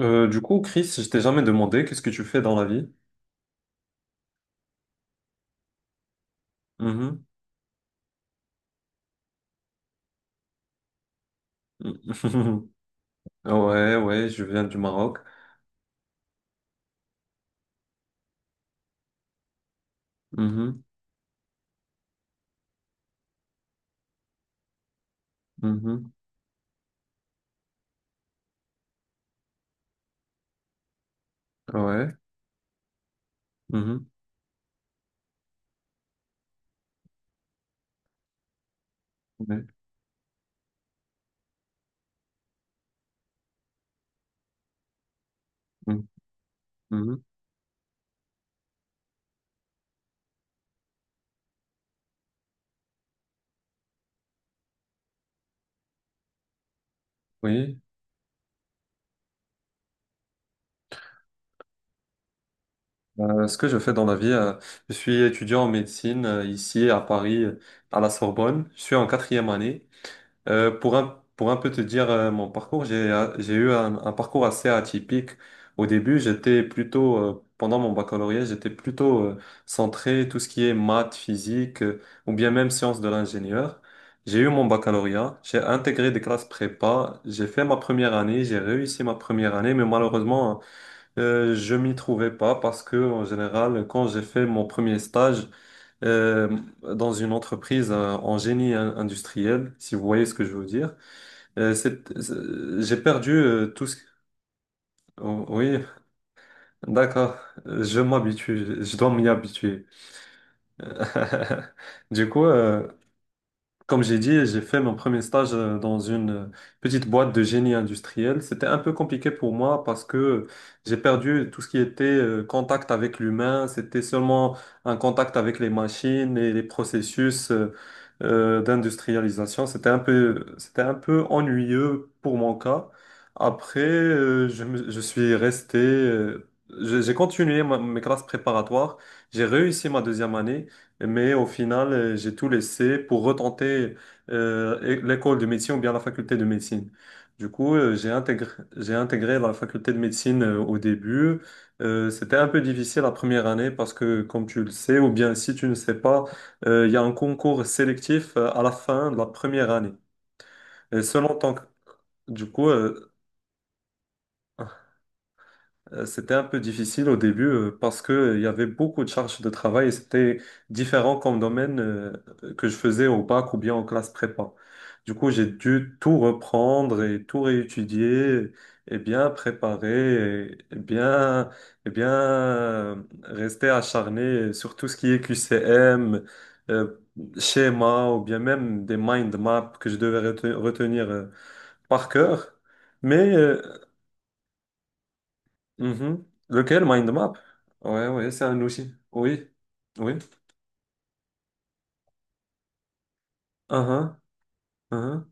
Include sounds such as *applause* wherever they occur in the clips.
Du coup, Chris, je t'ai jamais demandé qu'est-ce que tu fais dans la vie? Mhm. *laughs* Ouais, ouais, je viens du Maroc. Mhm, mhm, ouais, mhm, ouais, mhm, mhm. Oui. Ce que je fais dans la vie, je suis étudiant en médecine ici à Paris, à la Sorbonne. Je suis en quatrième année. Pour un peu te dire mon parcours, j'ai eu un parcours assez atypique. Au début, pendant mon baccalauréat, j'étais plutôt centré tout ce qui est maths, physique ou bien même sciences de l'ingénieur. J'ai eu mon baccalauréat, j'ai intégré des classes prépa, j'ai fait ma première année, j'ai réussi ma première année, mais malheureusement, je m'y trouvais pas parce que en général, quand j'ai fait mon premier stage, dans une entreprise en génie industriel, si vous voyez ce que je veux dire. J'ai perdu tout ce... Oh, oui, d'accord. Je m'habitue, je dois m'y habituer. *laughs* Du coup, comme j'ai dit, j'ai fait mon premier stage dans une petite boîte de génie industriel. C'était un peu compliqué pour moi parce que j'ai perdu tout ce qui était contact avec l'humain. C'était seulement un contact avec les machines et les processus d'industrialisation. C'était un peu ennuyeux pour mon cas. Après, je suis resté, j'ai continué mes classes préparatoires. J'ai réussi ma deuxième année. Mais au final, j'ai tout laissé pour retenter l'école de médecine ou bien la faculté de médecine. Du coup, j'ai intégré la faculté de médecine au début. C'était un peu difficile la première année parce que, comme tu le sais, ou bien si tu ne sais pas, il y a un concours sélectif à la fin de la première année. Et selon ton... Du coup, c'était un peu difficile au début parce que il y avait beaucoup de charges de travail et c'était différent comme domaine que je faisais au bac ou bien en classe prépa. Du coup, j'ai dû tout reprendre et tout réétudier et bien préparer et bien rester acharné sur tout ce qui est QCM, euh, schéma ou bien même des mind maps que je devais retenir par cœur. Mais. Mhm. Lequel? Mind map? Ouais, ouais, c'est un outil. Oui, oui. Uh-huh, uh-huh,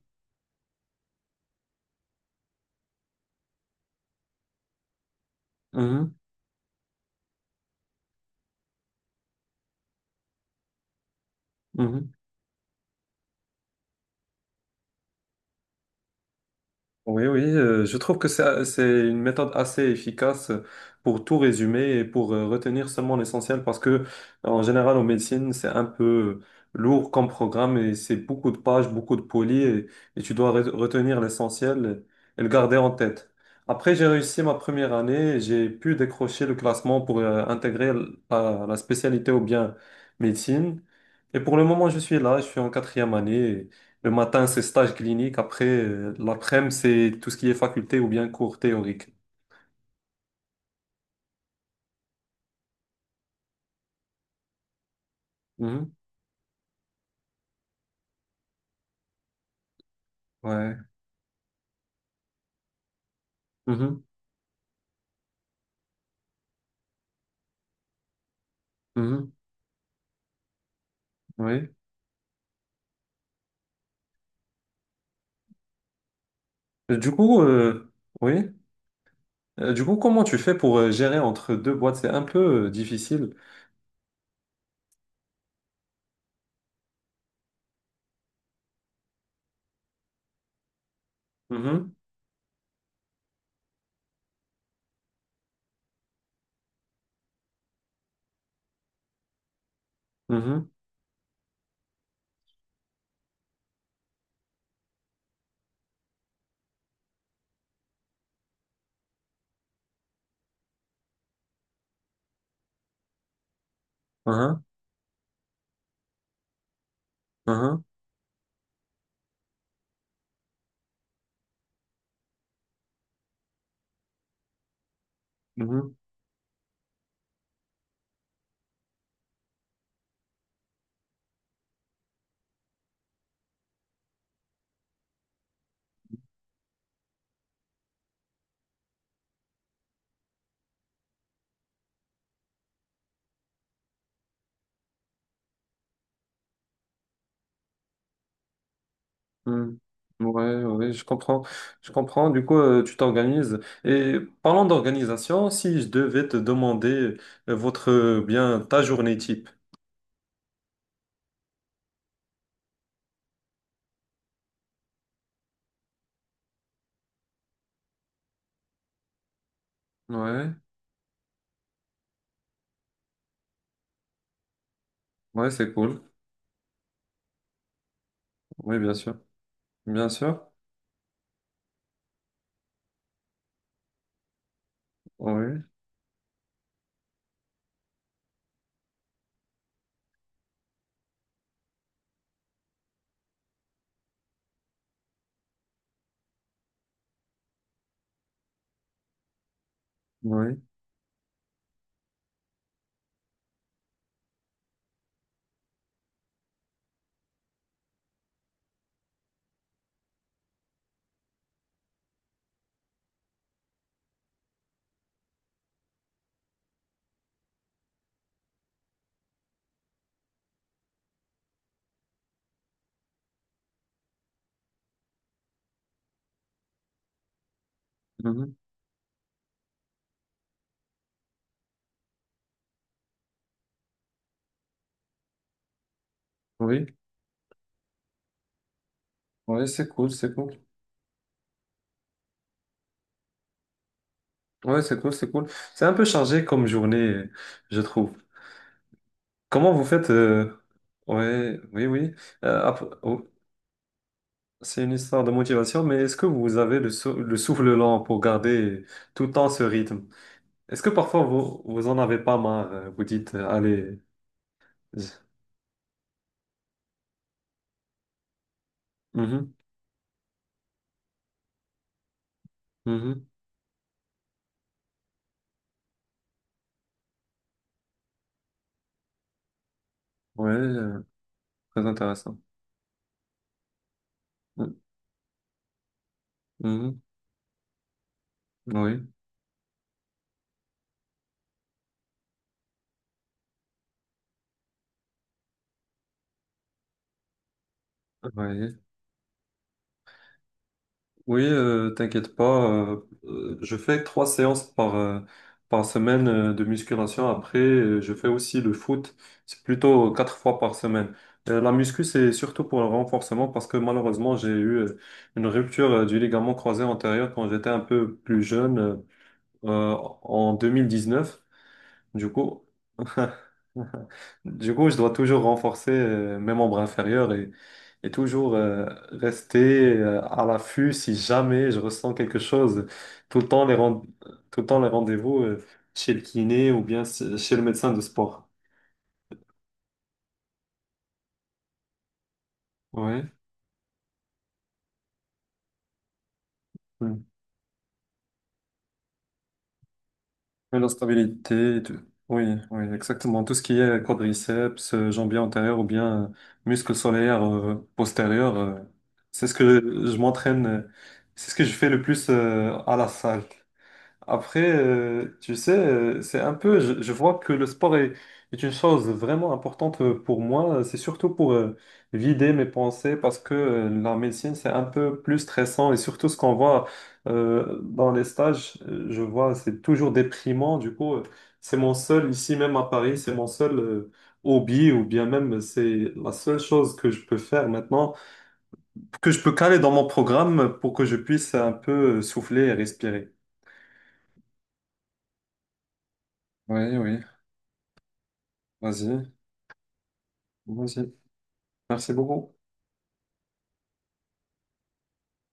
mhm, mhm. Oui, oui, je trouve que c'est une méthode assez efficace pour tout résumer et pour retenir seulement l'essentiel parce que, en général, en médecine, c'est un peu lourd comme programme et c'est beaucoup de pages, beaucoup de polis et tu dois retenir l'essentiel et le garder en tête. Après, j'ai réussi ma première année et j'ai pu décrocher le classement pour intégrer la spécialité ou bien médecine. Et pour le moment, je suis là, je suis en quatrième année. Le matin, c'est stage clinique. Après, l'après-midi, c'est tout ce qui est faculté ou bien cours théorique. Mhm. Ouais. Mhm. Mhm. Oui. Et du coup, oui. Du coup, comment tu fais pour gérer entre deux boîtes? C'est un peu difficile. Mhm. Mhm. Mhm. Mhm. Mhm. Mhm. Ouais, ouais, je comprends. Je comprends. Du coup, tu t'organises. Et parlant d'organisation, si je devais te demander ta journée type. Ouais, ouais, c'est cool. Oui, bien sûr. Bien sûr, oui, oui, mhm, oui, oui, c'est cool, c'est cool. Oui, c'est cool, c'est cool. C'est un peu chargé comme journée, je trouve. Comment vous faites, ouais, oui, oui. Oh, c'est une histoire de motivation, mais est-ce que vous avez le souffle lent pour garder tout le temps ce rythme? Est-ce que parfois vous en avez pas marre? Vous dites, allez. z- mhm, mhm. Ouais, très intéressant. Mhm, mhm, oui, oui. Oui, t'inquiète pas. euh, je fais trois séances par semaine de musculation. Après, je fais aussi le foot. C'est plutôt quatre fois par semaine. La muscu, c'est surtout pour le renforcement parce que malheureusement, j'ai eu une rupture du ligament croisé antérieur quand j'étais un peu plus jeune, euh, en 2019. Du coup, du coup, je dois toujours renforcer mes membres inférieurs et toujours rester à l'affût si jamais je ressens quelque chose. Tout le temps les, ren- tout le temps les rendez-vous chez le kiné ou bien chez le médecin de sport. Oui. Mm. Et la stabilité et tout. Oui, oui, exactement. Tout ce qui est quadriceps, jambier antérieur ou bien muscle solaire postérieur, c'est ce que je m'entraîne, c'est ce que je fais le plus à la salle. Après, tu sais, je vois que le sport est une chose vraiment importante pour moi. C'est surtout pour vider mes pensées parce que la médecine, c'est un peu plus stressant et surtout ce qu'on voit dans les stages, je vois, c'est toujours déprimant. Du coup, ici même à Paris, c'est mon seul hobby ou bien même c'est la seule chose que je peux faire maintenant, que je peux caler dans mon programme pour que je puisse un peu souffler et respirer. Oui, oui, vas-y. Vas-y. Merci beaucoup.